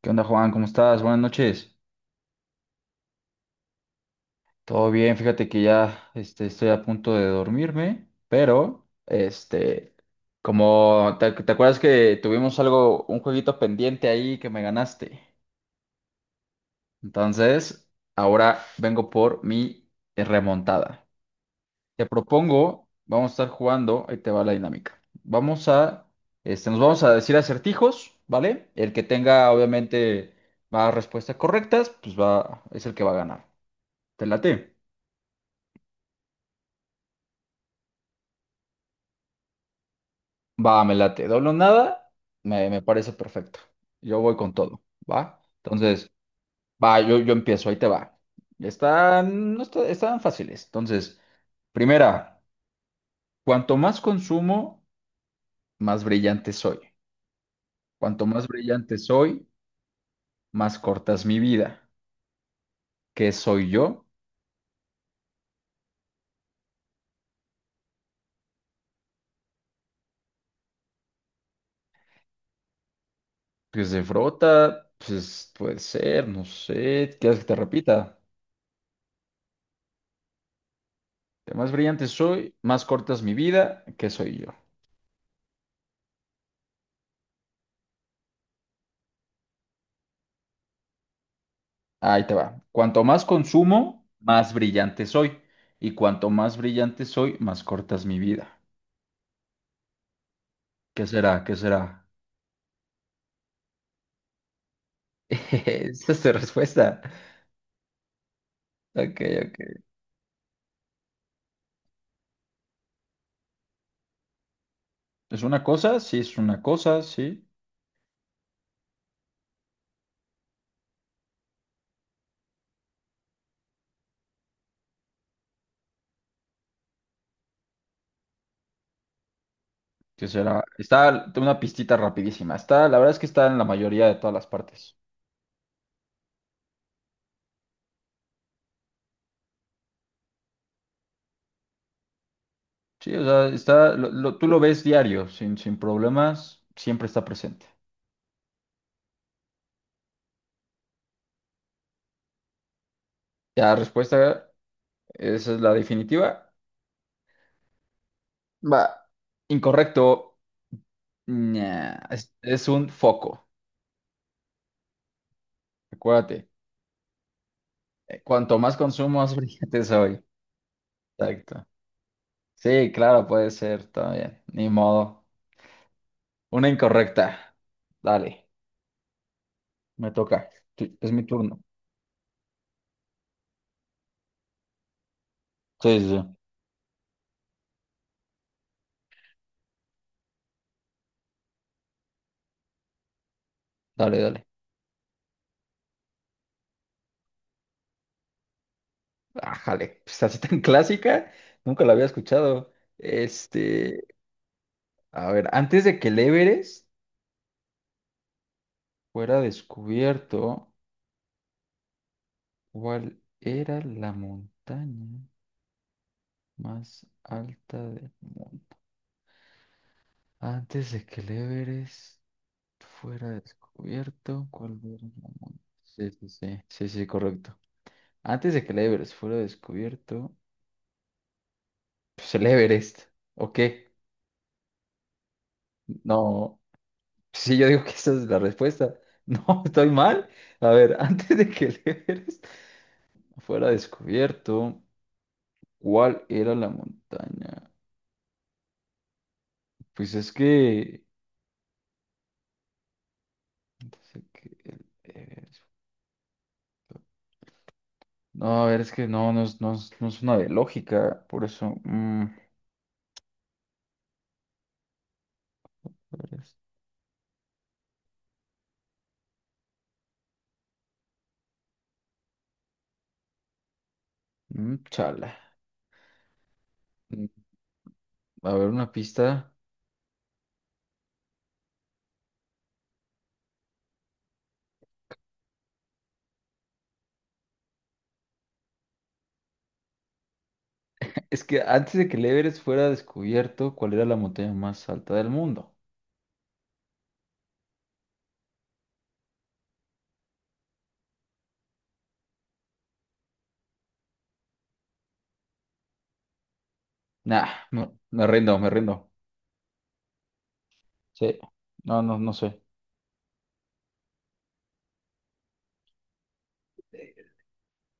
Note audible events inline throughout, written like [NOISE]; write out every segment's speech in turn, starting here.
¿Qué onda, Juan? ¿Cómo estás? Buenas noches. Todo bien, fíjate que ya estoy a punto de dormirme, pero este, como te acuerdas que tuvimos algo, un jueguito pendiente ahí que me ganaste. Entonces, ahora vengo por mi remontada. Te propongo, vamos a estar jugando, ahí te va la dinámica. Nos vamos a decir acertijos, ¿vale? El que tenga, obviamente, más respuestas correctas, pues va, es el que va a ganar. ¿Te late? Va, me late. Doble o nada, me parece perfecto. Yo voy con todo, ¿va? Entonces, va, yo empiezo, ahí te va. Están, no está- Están fáciles. Entonces, primera, cuanto más consumo, más brillante soy. Cuanto más brillante soy, más cortas mi vida. ¿Qué soy yo? Pues de frota, pues puede ser, no sé. ¿Quieres que te repita? Cuanto más brillante soy, más cortas mi vida. ¿Qué soy yo? Ahí te va. Cuanto más consumo, más brillante soy. Y cuanto más brillante soy, más corta es mi vida. ¿Qué será? ¿Qué será? [LAUGHS] Esa es tu respuesta. Ok, ok. ¿Es una cosa? Sí, es una cosa, sí. ¿Qué será? Está, tengo una pistita rapidísima. Está, la verdad es que está en la mayoría de todas las partes. Sí, o sea, está, tú lo ves diario, sin problemas, siempre está presente. Ya respuesta, esa es la definitiva. Va. Incorrecto. Ña, es un foco, acuérdate. Cuanto más consumo, más [LAUGHS] brillante soy. Exacto. Sí, claro, puede ser, está bien. Ni modo. Una incorrecta. Dale, me toca. Sí, es mi turno. Sí, sí, sí. Dale, dale. Ájale, pues así tan clásica, nunca la había escuchado. Este, a ver, antes de que el Everest fuera descubierto, ¿cuál era la montaña más alta del mundo? Antes de que el Everest fuera descubierto, ¿cuál era la montaña? Sí, sí, sí, sí, sí, correcto. Antes de que el Everest fuera descubierto, pues el Everest, ¿o qué? No, sí, yo digo que esa es la respuesta. No, [LAUGHS] estoy mal. A ver, [LAUGHS] antes de que el Everest fuera descubierto, ¿cuál era la montaña? Pues es que... antes de no, a ver, es que no, no es una de lógica, por eso... mm. Mm, chala. Mm, a ver, una pista. Es que antes de que el Everest fuera descubierto, ¿cuál era la montaña más alta del mundo? Nah, no, me rindo, me rindo. Sí. No, no, no sé.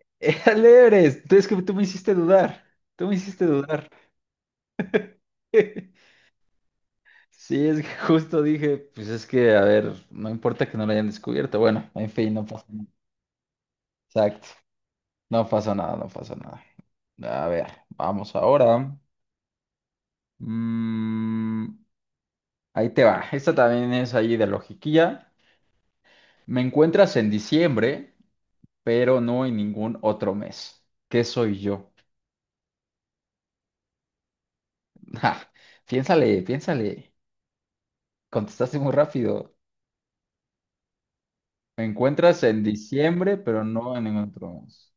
[LAUGHS] Era el Everest. Es que tú me hiciste dudar. Tú me hiciste dudar. [LAUGHS] Sí, es que justo dije, pues es que, a ver, no importa que no lo hayan descubierto. Bueno, en fin, no pasa nada. Exacto. No pasa nada, no pasa nada. A ver, vamos ahora. Mm, ahí te va. Esta también es ahí de logiquilla. Me encuentras en diciembre, pero no en ningún otro mes. ¿Qué soy yo? [LAUGHS] Ja, piénsale, piénsale. Contestaste muy rápido. Me encuentras en diciembre, pero no en ningún otro mes.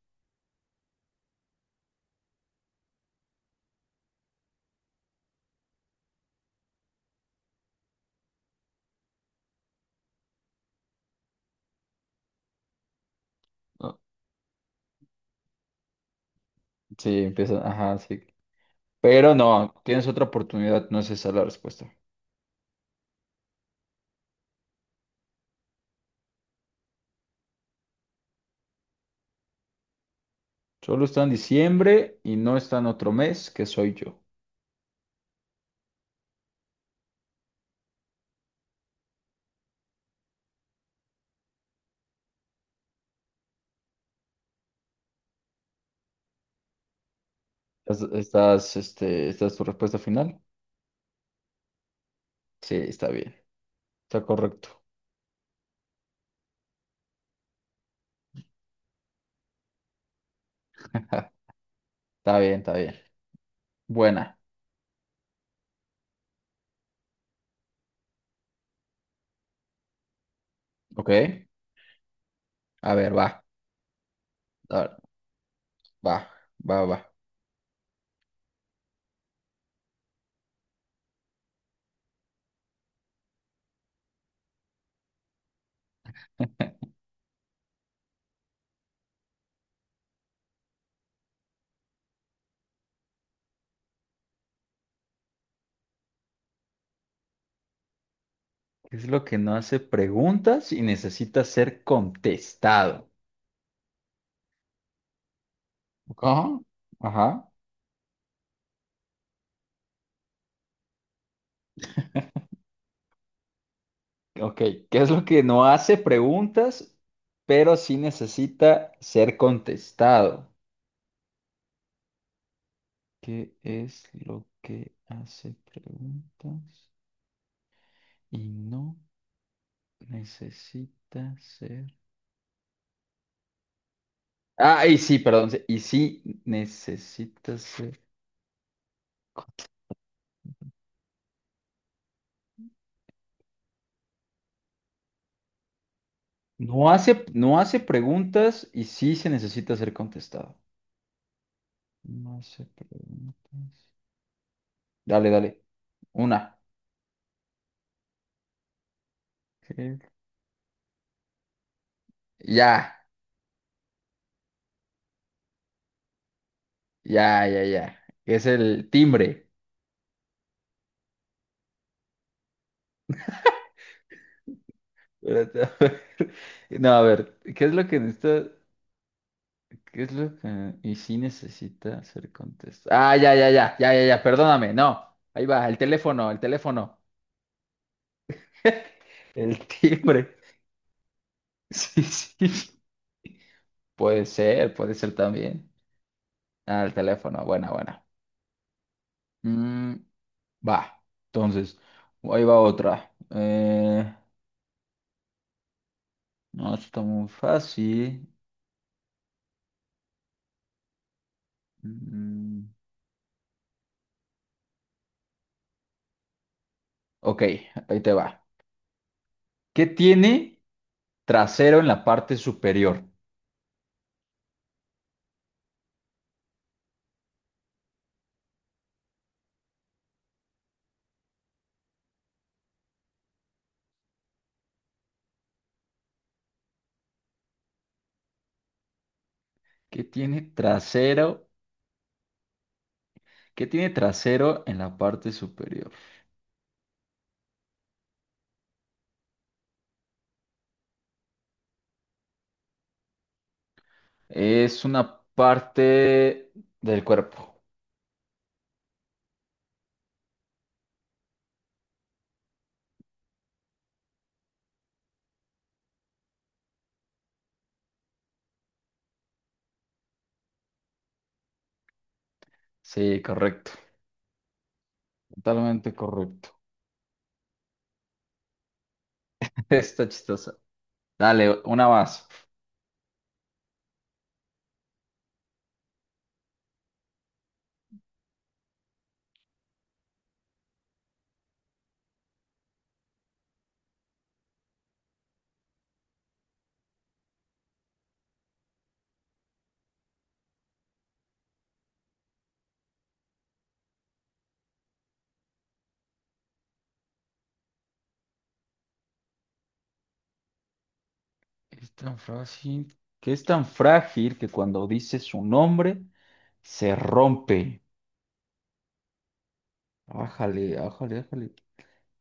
No, sí, empieza. Ajá, sí. Pero no, tienes otra oportunidad. No es esa la respuesta. Solo está en diciembre y no está en otro mes, que soy yo. Esta es tu respuesta final? Sí, está bien. Está correcto. [LAUGHS] Está bien, está bien. Buena. Ok. A ver, va. A ver, va, va, va. ¿Qué es lo que no hace preguntas y necesita ser contestado? Ajá. Ajá. Ok. ¿Qué es lo que no hace preguntas, pero sí necesita ser contestado? ¿Qué es lo que hace preguntas y no necesita ser... Ah, y sí, perdón. Sí, y sí necesita ser. No hace preguntas y sí se necesita ser contestado. No hace preguntas. Dale, dale. Una. Ok. Ya, ya, ya, ya. Es el timbre. [LAUGHS] Espérate, a ver. [LAUGHS] No, a ver, ¿qué es lo que necesita? ¿Qué es lo que... y sí necesita ser contestado. Ah, ya, ya, ya, ya, ya, ya, perdóname, no. Ahí va, el teléfono. El timbre. [LAUGHS] Sí, sí. Puede ser también. Ah, el teléfono, buena, buena. Mm, va, entonces, ahí va otra. No, esto está muy fácil. Mm, ok, ahí te va. ¿Qué tiene trasero en la parte superior? ¿Qué tiene trasero? ¿Qué tiene trasero en la parte superior? Es una parte del cuerpo. Sí, correcto. Totalmente correcto. [LAUGHS] Está chistosa. Dale, una más. Es tan frágil, que es tan frágil que cuando dice su nombre se rompe. Ájale, ájale, ájale.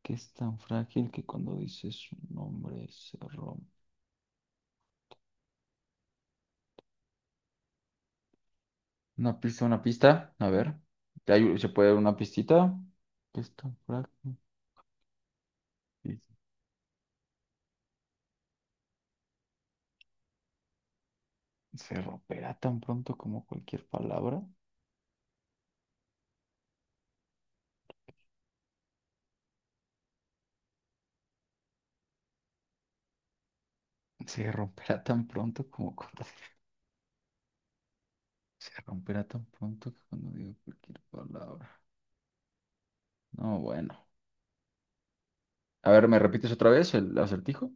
Que es tan frágil que cuando dice su nombre se rompe. Una pista, una pista. A ver. ¿Hay- ¿Se puede dar una pistita? Que es tan frágil. Y se romperá tan pronto como cualquier palabra. Se romperá tan pronto como cuando... [LAUGHS] se romperá tan pronto que cuando digo cualquier palabra. No, bueno. A ver, ¿me repites otra vez el acertijo?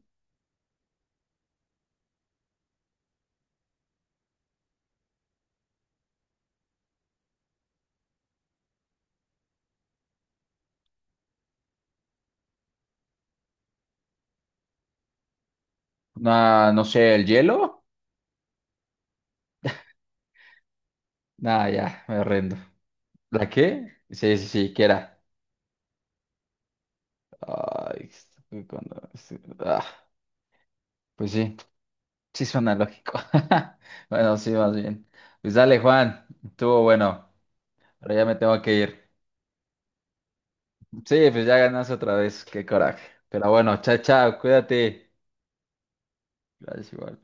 Una, no sé, el hielo. Nah, ya, me rindo. ¿La qué? Sí, sí, sí, ¿qué era? Ay, cuando- ah, pues sí, sí suena lógico. [LAUGHS] Bueno, sí, más bien. Pues dale, Juan, estuvo bueno. Ahora ya me tengo que ir. Sí, pues ya ganaste otra vez, qué coraje. Pero bueno, chao, chao, cuídate. Gracias, igual.